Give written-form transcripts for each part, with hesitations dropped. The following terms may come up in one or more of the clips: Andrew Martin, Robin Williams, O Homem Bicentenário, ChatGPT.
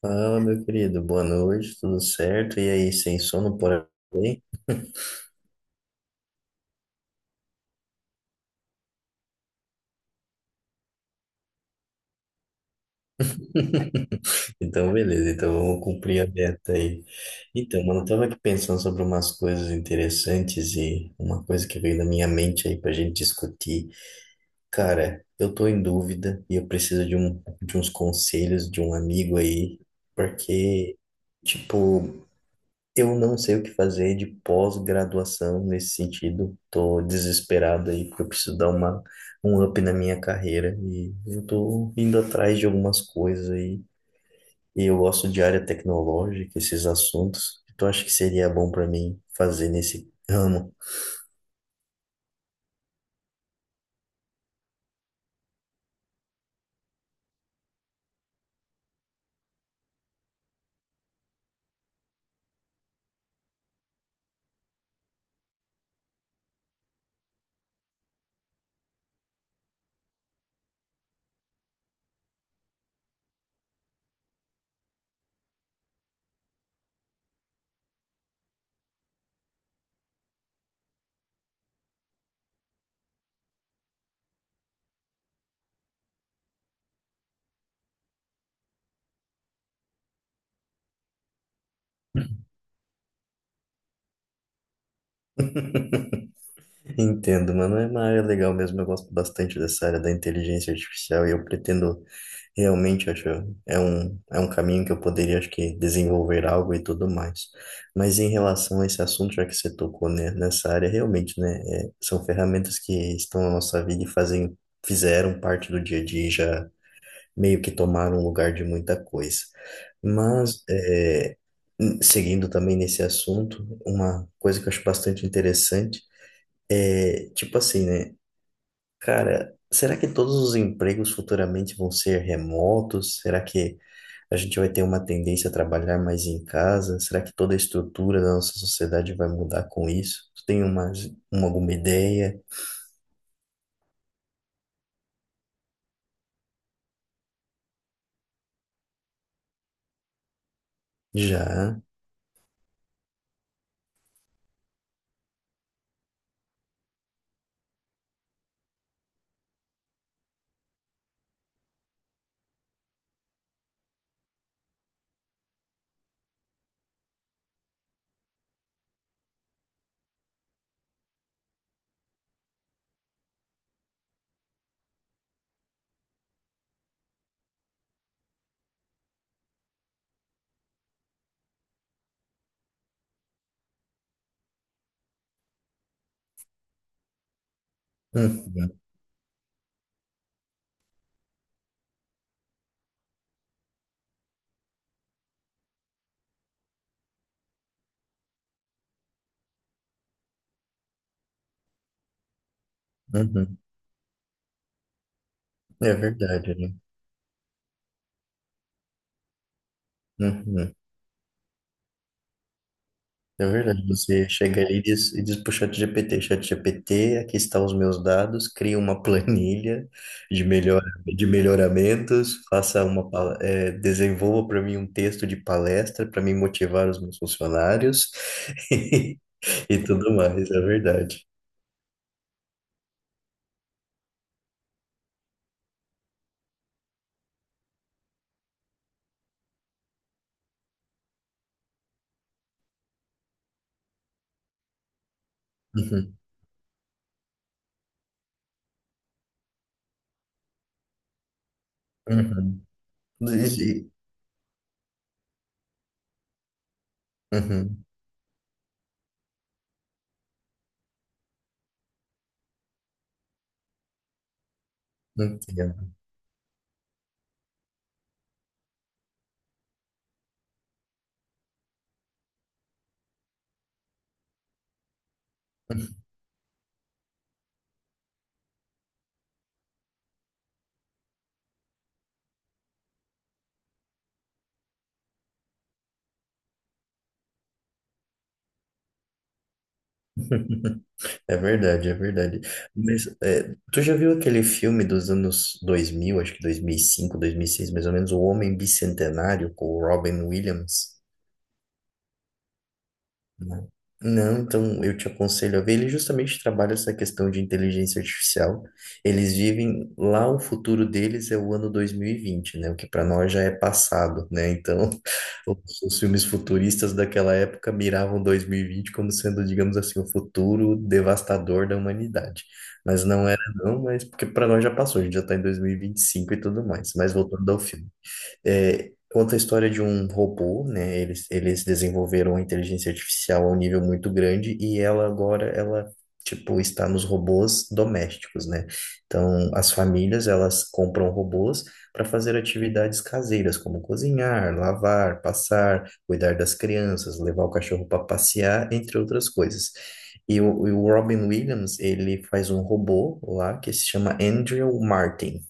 Fala, meu querido, boa noite, tudo certo? E aí, sem sono por aí? Então, beleza, então vamos cumprir a meta aí. Então, mano, eu tava aqui pensando sobre umas coisas interessantes e uma coisa que veio na minha mente aí pra gente discutir. Cara, eu tô em dúvida e eu preciso de uns conselhos de um amigo aí, porque, tipo, eu não sei o que fazer de pós-graduação nesse sentido. Tô desesperado aí porque eu preciso um up na minha carreira e eu tô indo atrás de algumas coisas aí. E eu gosto de área tecnológica, esses assuntos. Então acho que seria bom para mim fazer nesse ramo. Entendo, mano. É uma área legal mesmo. Eu gosto bastante dessa área da inteligência artificial e eu pretendo. Realmente acho é um caminho que eu poderia, acho que, desenvolver algo e tudo mais. Mas em relação a esse assunto, já que você tocou, né, nessa área, realmente, né, é, são ferramentas que estão na nossa vida e fazem fizeram parte do dia a dia, e já meio que tomaram lugar de muita coisa. Mas é, seguindo também nesse assunto, uma coisa que eu acho bastante interessante é tipo assim, né, cara, será que todos os empregos futuramente vão ser remotos? Será que a gente vai ter uma tendência a trabalhar mais em casa? Será que toda a estrutura da nossa sociedade vai mudar com isso? Tu tem alguma ideia? Já. Uhum, uhum. É verdade, né? Uhum. É verdade. Você chega ali e diz pro ChatGPT, ChatGPT, aqui está os meus dados, cria uma planilha de melhoramentos, faça desenvolva para mim um texto de palestra para me motivar os meus funcionários. E tudo mais, é verdade. Uhum, uhum. E- e- uhum, entendo. É verdade, é verdade. Mas é, tu já viu aquele filme dos anos dois mil, acho que 2005, seis, mais ou menos, O Homem Bicentenário, com o Robin Williams? Não. Não, então eu te aconselho a ver. Ele justamente trabalha essa questão de inteligência artificial. Eles vivem lá, o futuro deles é o ano dois mil e vinte, né? O que para nós já é passado, né? Então, todos os filmes futuristas daquela época miravam 2020 como sendo, digamos assim, o futuro devastador da humanidade. Mas não era, não, mas porque para nós já passou, a gente já está em 2025 e vinte e cinco e tudo mais. Mas voltando ao filme. É, conta a história de um robô, né? Eles desenvolveram a inteligência artificial a um nível muito grande e ela agora, ela, tipo, está nos robôs domésticos, né? Então, as famílias, elas compram robôs para fazer atividades caseiras, como cozinhar, lavar, passar, cuidar das crianças, levar o cachorro para passear, entre outras coisas. E o Robin Williams, ele faz um robô lá que se chama Andrew Martin.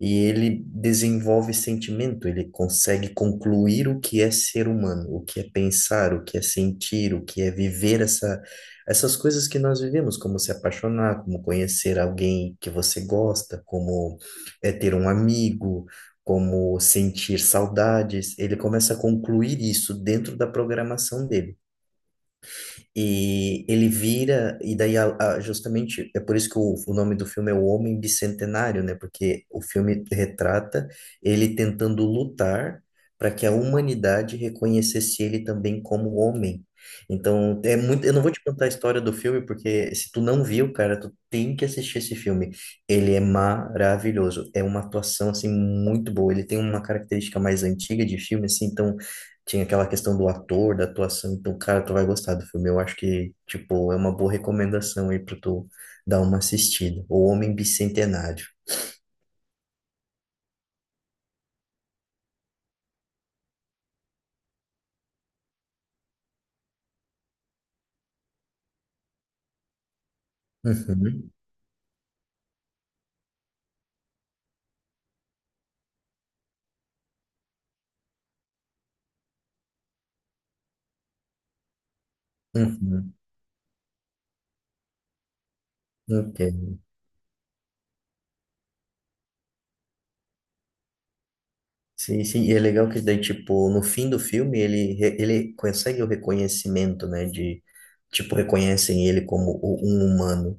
E ele desenvolve sentimento, ele consegue concluir o que é ser humano, o que é pensar, o que é sentir, o que é viver essas coisas que nós vivemos, como se apaixonar, como conhecer alguém que você gosta, como é ter um amigo, como sentir saudades. Ele começa a concluir isso dentro da programação dele. E ele vira, e daí justamente é por isso que o nome do filme é O Homem Bicentenário, né? Porque o filme retrata ele tentando lutar para que a humanidade reconhecesse ele também como homem. Então, é muito, eu não vou te contar a história do filme, porque se tu não viu, cara, tu tem que assistir esse filme. Ele é maravilhoso, é uma atuação assim muito boa. Ele tem uma característica mais antiga de filme, assim, então tinha aquela questão do ator, da atuação, então, cara, tu vai gostar do filme. Eu acho que, tipo, é uma boa recomendação aí pra tu dar uma assistida. O Homem Bicentenário. Uhum, uhum, entendo. Sim, sim, e é legal que daí, tipo, no fim do filme, ele consegue o reconhecimento, né, de, tipo, reconhecem ele como um humano.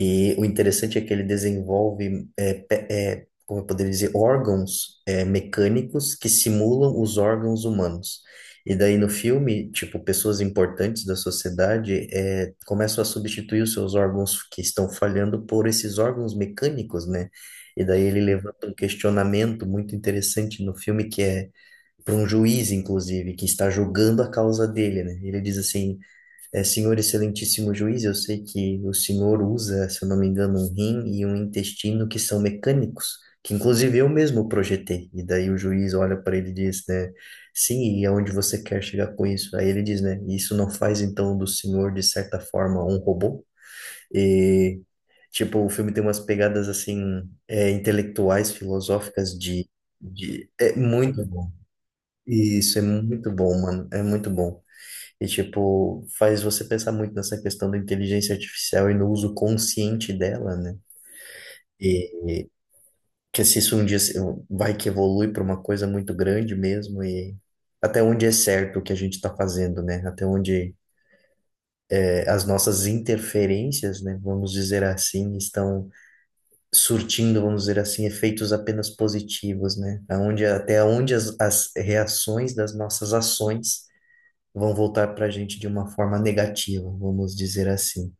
E o interessante é que ele desenvolve, é, como eu poderia dizer, órgãos, é, mecânicos que simulam os órgãos humanos. E daí no filme, tipo, pessoas importantes da sociedade, é, começam a substituir os seus órgãos que estão falhando por esses órgãos mecânicos, né? E daí ele levanta um questionamento muito interessante no filme que é para um juiz, inclusive, que está julgando a causa dele, né? Ele diz assim. É, senhor excelentíssimo juiz, eu sei que o senhor usa, se eu não me engano, um rim e um intestino que são mecânicos, que inclusive eu mesmo projetei. E daí o juiz olha para ele e diz, né, sim, e aonde você quer chegar com isso? Aí ele diz, né, isso não faz então do senhor, de certa forma, um robô? E, tipo, o filme tem umas pegadas, assim, é, intelectuais, filosóficas, é muito bom. Isso, é muito bom, mano, é muito bom. E, tipo, faz você pensar muito nessa questão da inteligência artificial e no uso consciente dela, né? E que se isso um dia vai que evolui para uma coisa muito grande mesmo, e até onde é certo o que a gente está fazendo, né? Até onde, é, as nossas interferências, né, vamos dizer assim, estão surtindo, vamos dizer assim, efeitos apenas positivos, né? Até onde as reações das nossas ações vão voltar para a gente de uma forma negativa, vamos dizer assim.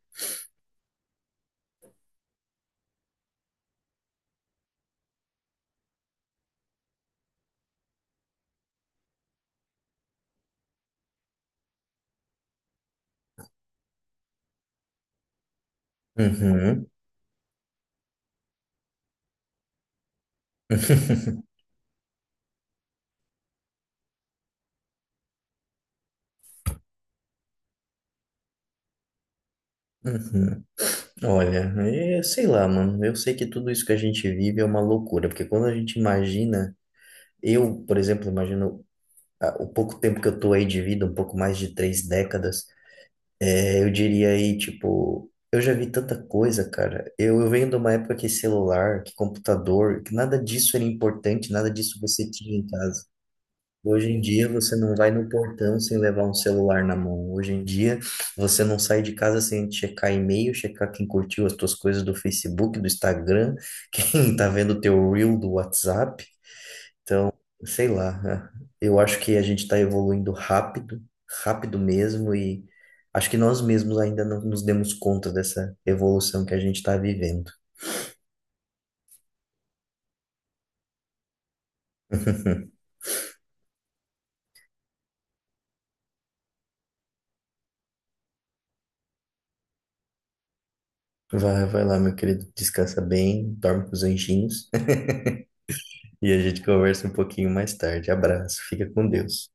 Uhum. Uhum. Olha, é, sei lá, mano. Eu sei que tudo isso que a gente vive é uma loucura, porque quando a gente imagina, eu, por exemplo, imagino, ah, o pouco tempo que eu tô aí de vida, um pouco mais de 3 décadas, é, eu diria aí, tipo, eu já vi tanta coisa, cara. Eu venho de uma época que celular, que computador, que nada disso era importante, nada disso você tinha em casa. Hoje em dia você não vai no portão sem levar um celular na mão. Hoje em dia você não sai de casa sem checar e-mail, checar quem curtiu as tuas coisas do Facebook, do Instagram, quem tá vendo o teu reel do WhatsApp, sei lá, né? Eu acho que a gente está evoluindo rápido, rápido mesmo, e acho que nós mesmos ainda não nos demos conta dessa evolução que a gente está vivendo. Vai, vai lá, meu querido, descansa bem, dorme com os anjinhos. E a gente conversa um pouquinho mais tarde. Abraço, fica com Deus.